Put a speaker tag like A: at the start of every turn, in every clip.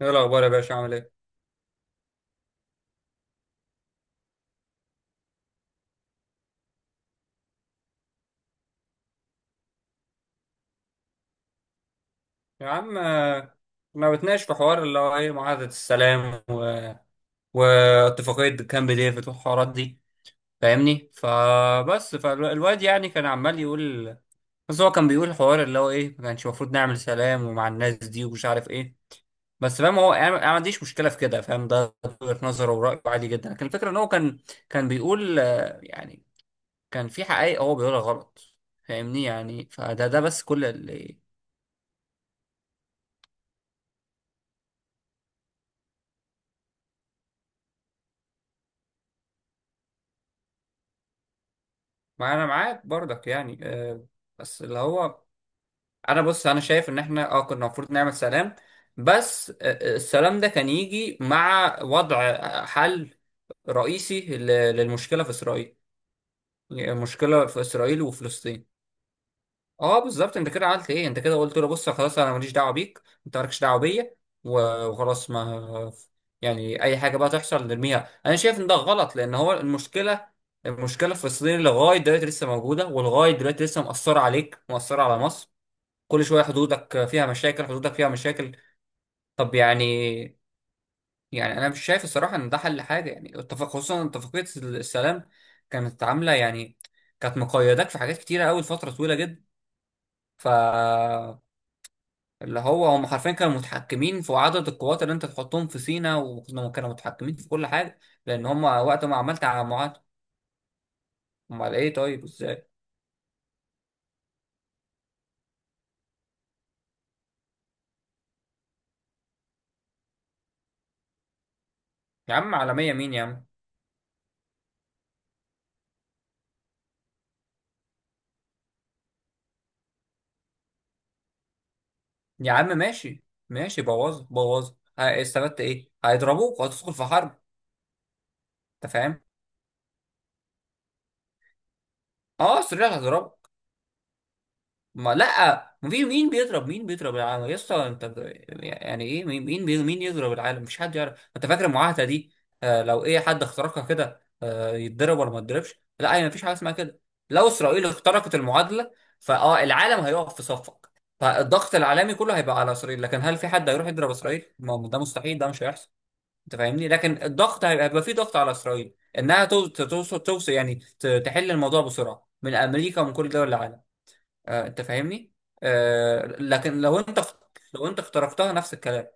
A: ايه الاخبار يا باشا عامل ايه؟ يا عم ما بتناقش في حوار اللي هو ايه معاهدة السلام واتفاقية كامب ديفيد والحوارات دي. فاهمني؟ فبس فالواد يعني كان عمال يقول. بس هو كان بيقول حوار اللي هو ايه، ما كانش المفروض نعمل سلام ومع الناس دي ومش عارف ايه. بس فاهم هو أنا ما عنديش مشكلة في كده. فاهم ده؟ وجهة نظره ورأيه عادي جدا، لكن الفكرة ان هو كان بيقول يعني كان في حقائق هو بيقولها غلط. فاهمني؟ يعني فده بس كل اللي. ما انا معاك برضك يعني بس اللي هو انا بص، انا شايف ان احنا اه كنا المفروض نعمل سلام، بس السلام ده كان يجي مع وضع حل رئيسي للمشكلة في اسرائيل. المشكلة في اسرائيل وفلسطين. اه بالظبط، انت كده عملت ايه؟ انت كده قلت له بص خلاص، انا ماليش دعوه بيك، انت مالكش دعوه بيا، وخلاص ما يعني اي حاجه بقى تحصل نرميها. انا شايف ان ده غلط، لان هو المشكله الفلسطينيه لغايه دلوقتي لسه موجوده، ولغايه دلوقتي لسه مأثره عليك، مأثره على مصر. كل شويه حدودك فيها مشاكل، حدودك فيها مشاكل. طب يعني، يعني انا مش شايف الصراحه ان ده حل حاجه. يعني اتفاق، خصوصا اتفاقيه السلام كانت عامله يعني، كانت مقيداك في حاجات كتيره قوي لفتره طويله جدا. ف اللي هو هم حرفيا كانوا متحكمين في عدد القوات اللي انت تحطهم في سيناء، وكانوا متحكمين في كل حاجه، لان هم وقت ما عملت على معاهده. امال ايه؟ طيب ازاي؟ يا عم عالميه مين يا عم؟ يا عم ماشي، ماشي، بوظ بوظ. استفدت ايه؟ هيضربوك وهتدخل في حرب. انت فاهم؟ اه سريع هتضربك. ما لا، مين بيضرب؟ مين بيضرب العالم يا اسطى؟ انت يعني ايه؟ مين يضرب العالم؟ مش حد يعرف. انت فاكر المعاهده دي آه لو ايه حد اخترقها كده آه يتضرب ولا ما يتضربش؟ لا هي مفيش حاجه اسمها كده. لو اسرائيل اخترقت المعادله فاه العالم هيقف في صفك، فالضغط العالمي كله هيبقى على اسرائيل. لكن هل في حد هيروح يضرب اسرائيل؟ ما هو ده مستحيل، ده مش هيحصل. انت فاهمني؟ لكن الضغط هيبقى فيه ضغط على اسرائيل انها توصل يعني تحل الموضوع بسرعه من امريكا ومن كل دول العالم. انت فاهمني؟ لكن لو انت، لو انت اخترقتها نفس الكلام.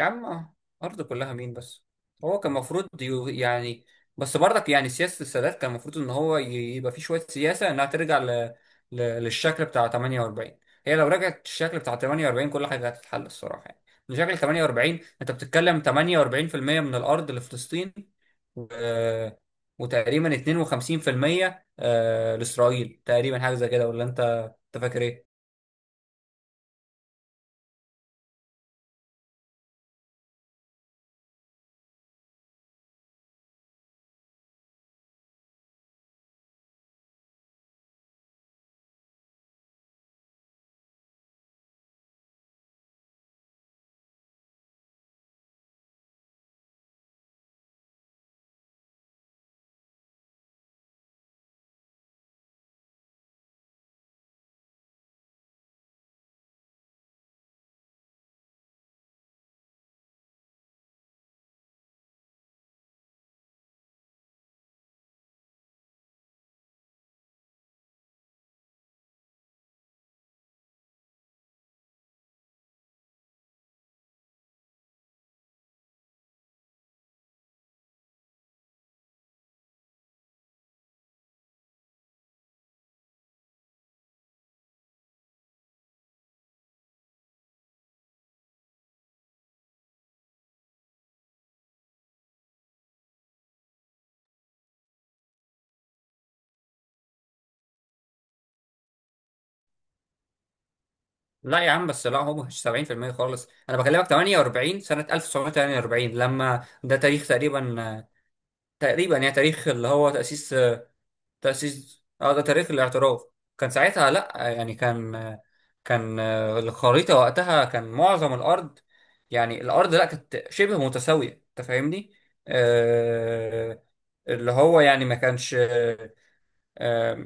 A: يا عم أرض كلها مين بس؟ هو كان المفروض يعني، بس برضك يعني سياسة السادات كان المفروض إن هو يبقى فيه شوية سياسة إنها ترجع للشكل بتاع 48. هي لو رجعت الشكل بتاع 48، كل حاجة هتتحل الصراحة يعني. من شكل 48، أنت بتتكلم 48% من الأرض لفلسطين، و... وتقريبا 52% لإسرائيل تقريبا، حاجة زي كده، ولا أنت فاكر إيه؟ لا يا عم، بس لا هو مش 70% خالص. انا بكلمك 48، سنة 1948، لما ده تاريخ تقريبا، تقريبا يعني تاريخ اللي هو تأسيس. اه ده تاريخ الاعتراف. كان ساعتها لا يعني كان الخريطة وقتها كان معظم الأرض يعني الأرض، لا كانت شبه متساوية. أنت فاهمني؟ آه اللي هو يعني ما كانش آه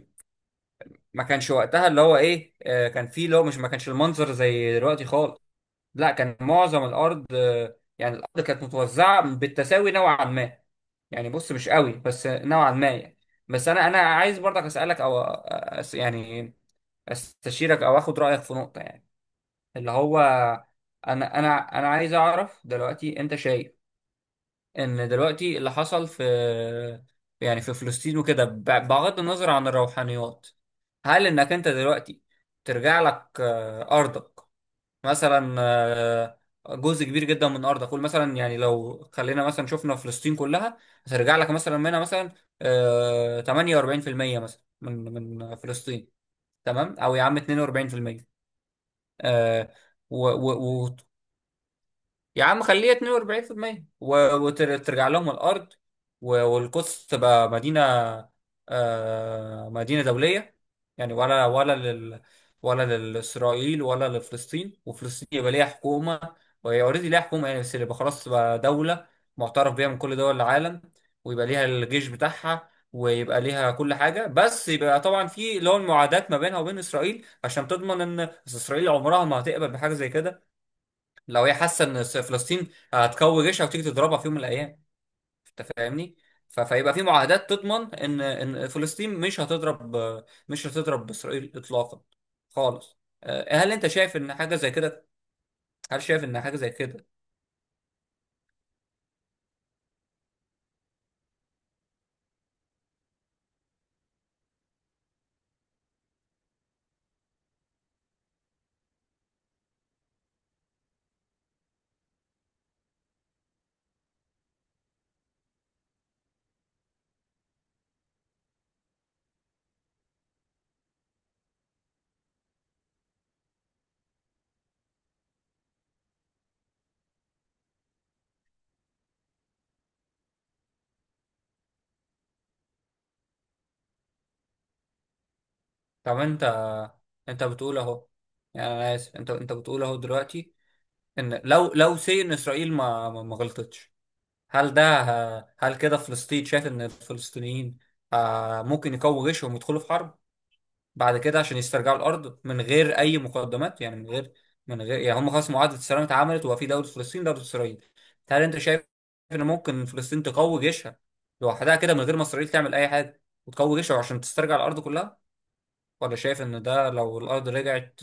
A: ما كانش وقتها اللي هو إيه آه كان فيه اللي هو مش، ما كانش المنظر زي دلوقتي خالص. لا كان معظم الارض يعني الارض كانت متوزعه بالتساوي نوعا ما، يعني بص مش قوي بس نوعا ما يعني. بس انا عايز برضك اسالك او أس يعني استشيرك او اخد رايك في نقطه يعني، اللي هو انا عايز اعرف دلوقتي، انت شايف ان دلوقتي اللي حصل في يعني في فلسطين وكده بغض النظر عن الروحانيات، هل انك انت دلوقتي ترجع لك ارضك، مثلا جزء كبير جدا من ارضك؟ قول مثلا يعني لو خلينا مثلا شفنا فلسطين كلها، هترجع لك مثلا منها مثلا 48% مثلا من فلسطين، تمام، او يا عم 42%، آه، و- و- يا عم خليها 42% وترجع لهم الارض. والقدس تبقى مدينه آه مدينه دوليه يعني، ولا لاسرائيل ولا لفلسطين. وفلسطين يبقى ليها حكومه، وهي اوريدي ليها حكومه يعني، بس يبقى خلاص تبقى دوله معترف بيها من كل دول العالم. ويبقى ليها الجيش بتاعها، ويبقى ليها كل حاجه، بس يبقى طبعا في اللي هو المعادات ما بينها وبين اسرائيل عشان تضمن، ان بس إسرائيل عمرها ما هتقبل بحاجه زي كده لو هي حاسه ان فلسطين هتقوي جيشها وتيجي تضربها في يوم من الايام. انت فاهمني؟ فيبقى في معاهدات تضمن ان فلسطين مش هتضرب، مش هتضرب اسرائيل اطلاقا، خالص. هل انت شايف ان حاجه زي كده؟ هل شايف ان حاجه زي كده؟ طب انت، انت بتقول اهو، يعني انا اسف، انت بتقول اهو دلوقتي، ان لو لو سي ان اسرائيل ما غلطتش، هل ده، هل كده فلسطين، شايف ان الفلسطينيين ممكن يقووا جيشهم ويدخلوا في حرب بعد كده عشان يسترجعوا الارض من غير اي مقدمات، يعني من غير يعني هم خلاص معاهده السلام اتعملت وبقى في دوله فلسطين دوله اسرائيل. هل انت شايف ان ممكن فلسطين تقوي جيشها لوحدها كده من غير ما اسرائيل تعمل اي حاجه، وتقوي جيشها عشان تسترجع الارض كلها، ولا شايف ان ده لو الارض رجعت؟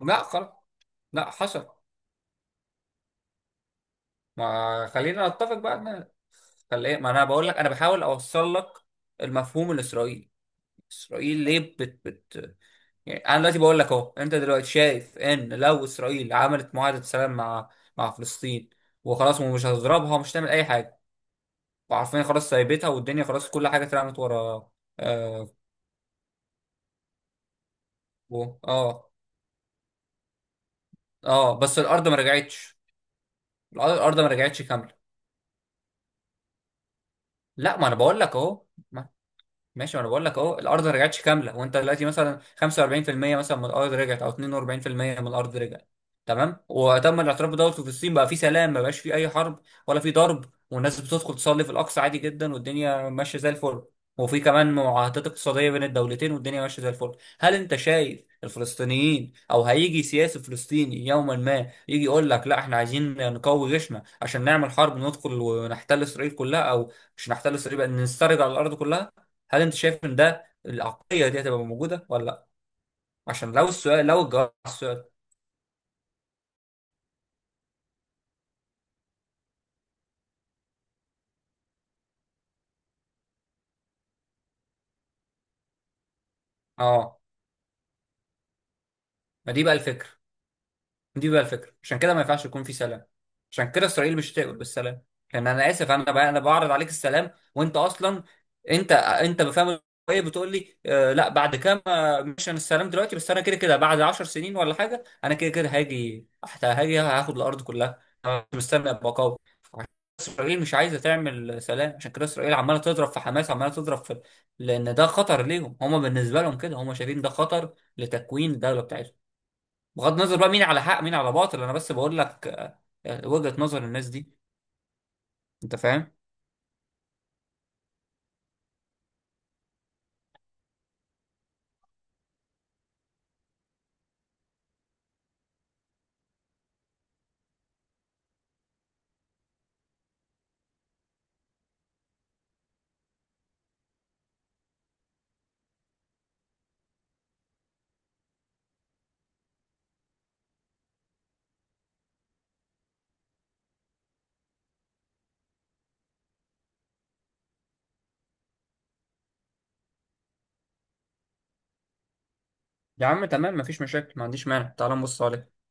A: لا خلاص، لا حصل. ما خلينا نتفق بقى ان، خلي، ما انا بقول لك، انا بحاول اوصل لك المفهوم الاسرائيلي. اسرائيل ليه بت يعني، انا دلوقتي بقول لك اهو، انت دلوقتي شايف ان لو اسرائيل عملت معاهده سلام مع مع فلسطين وخلاص، ومش هتضربها، ومش هتعمل اي حاجه، وعارفين خلاص سايبتها والدنيا خلاص كل حاجه اترمت ورا. اه و- اه اه بس الارض ما رجعتش. الأرض ما رجعتش كامله. لا ما انا بقول لك اهو ماشي، ما انا بقول لك اهو، الارض ما رجعتش كامله، وانت دلوقتي مثلا 45% مثلا من الارض رجعت، او 42% من الارض رجعت، تمام، وتم الاعتراف بدوت وفي الصين بقى في سلام، ما بقاش في اي حرب ولا في ضرب، والناس بتدخل تصلي في الاقصى عادي جدا والدنيا ماشيه زي الفل. وفي كمان معاهدات اقتصاديه بين الدولتين والدنيا ماشيه زي الفل. هل انت شايف الفلسطينيين، او هيجي سياسي فلسطيني يوما ما يجي يقول لك لا احنا عايزين نقوي جيشنا عشان نعمل حرب ندخل ونحتل اسرائيل كلها، او مش نحتل اسرائيل بقى نسترجع الارض كلها؟ هل انت شايف ان ده العقليه دي هتبقى موجوده ولا لا؟ عشان لو السؤال، لو الجواب على السؤال اه ما دي بقى الفكره. دي بقى الفكره، عشان كده ما ينفعش يكون في سلام، عشان كده اسرائيل مش هتقبل بالسلام. لان انا اسف، انا بقى انا بعرض عليك السلام، وانت اصلا انت بفهم ايه؟ بتقول لي آه لا بعد كام مش انا السلام دلوقتي، بس انا كده كده بعد 10 سنين ولا حاجه انا كده كده هاجي، حتى هاجي هاخد الارض كلها، انا مش مستني ابقى قوي. اسرائيل مش عايزه تعمل سلام، عشان كده اسرائيل عماله تضرب في حماس، عماله تضرب في. لان ده خطر ليهم هم، بالنسبه لهم كده هم شايفين ده خطر لتكوين الدوله بتاعتهم. بغض النظر بقى مين على حق مين على باطل، انا بس بقول لك وجهة نظر الناس دي. انت فاهم؟ يا عم تمام، مفيش مشاكل، ما عنديش مانع، تعال نبص عليه.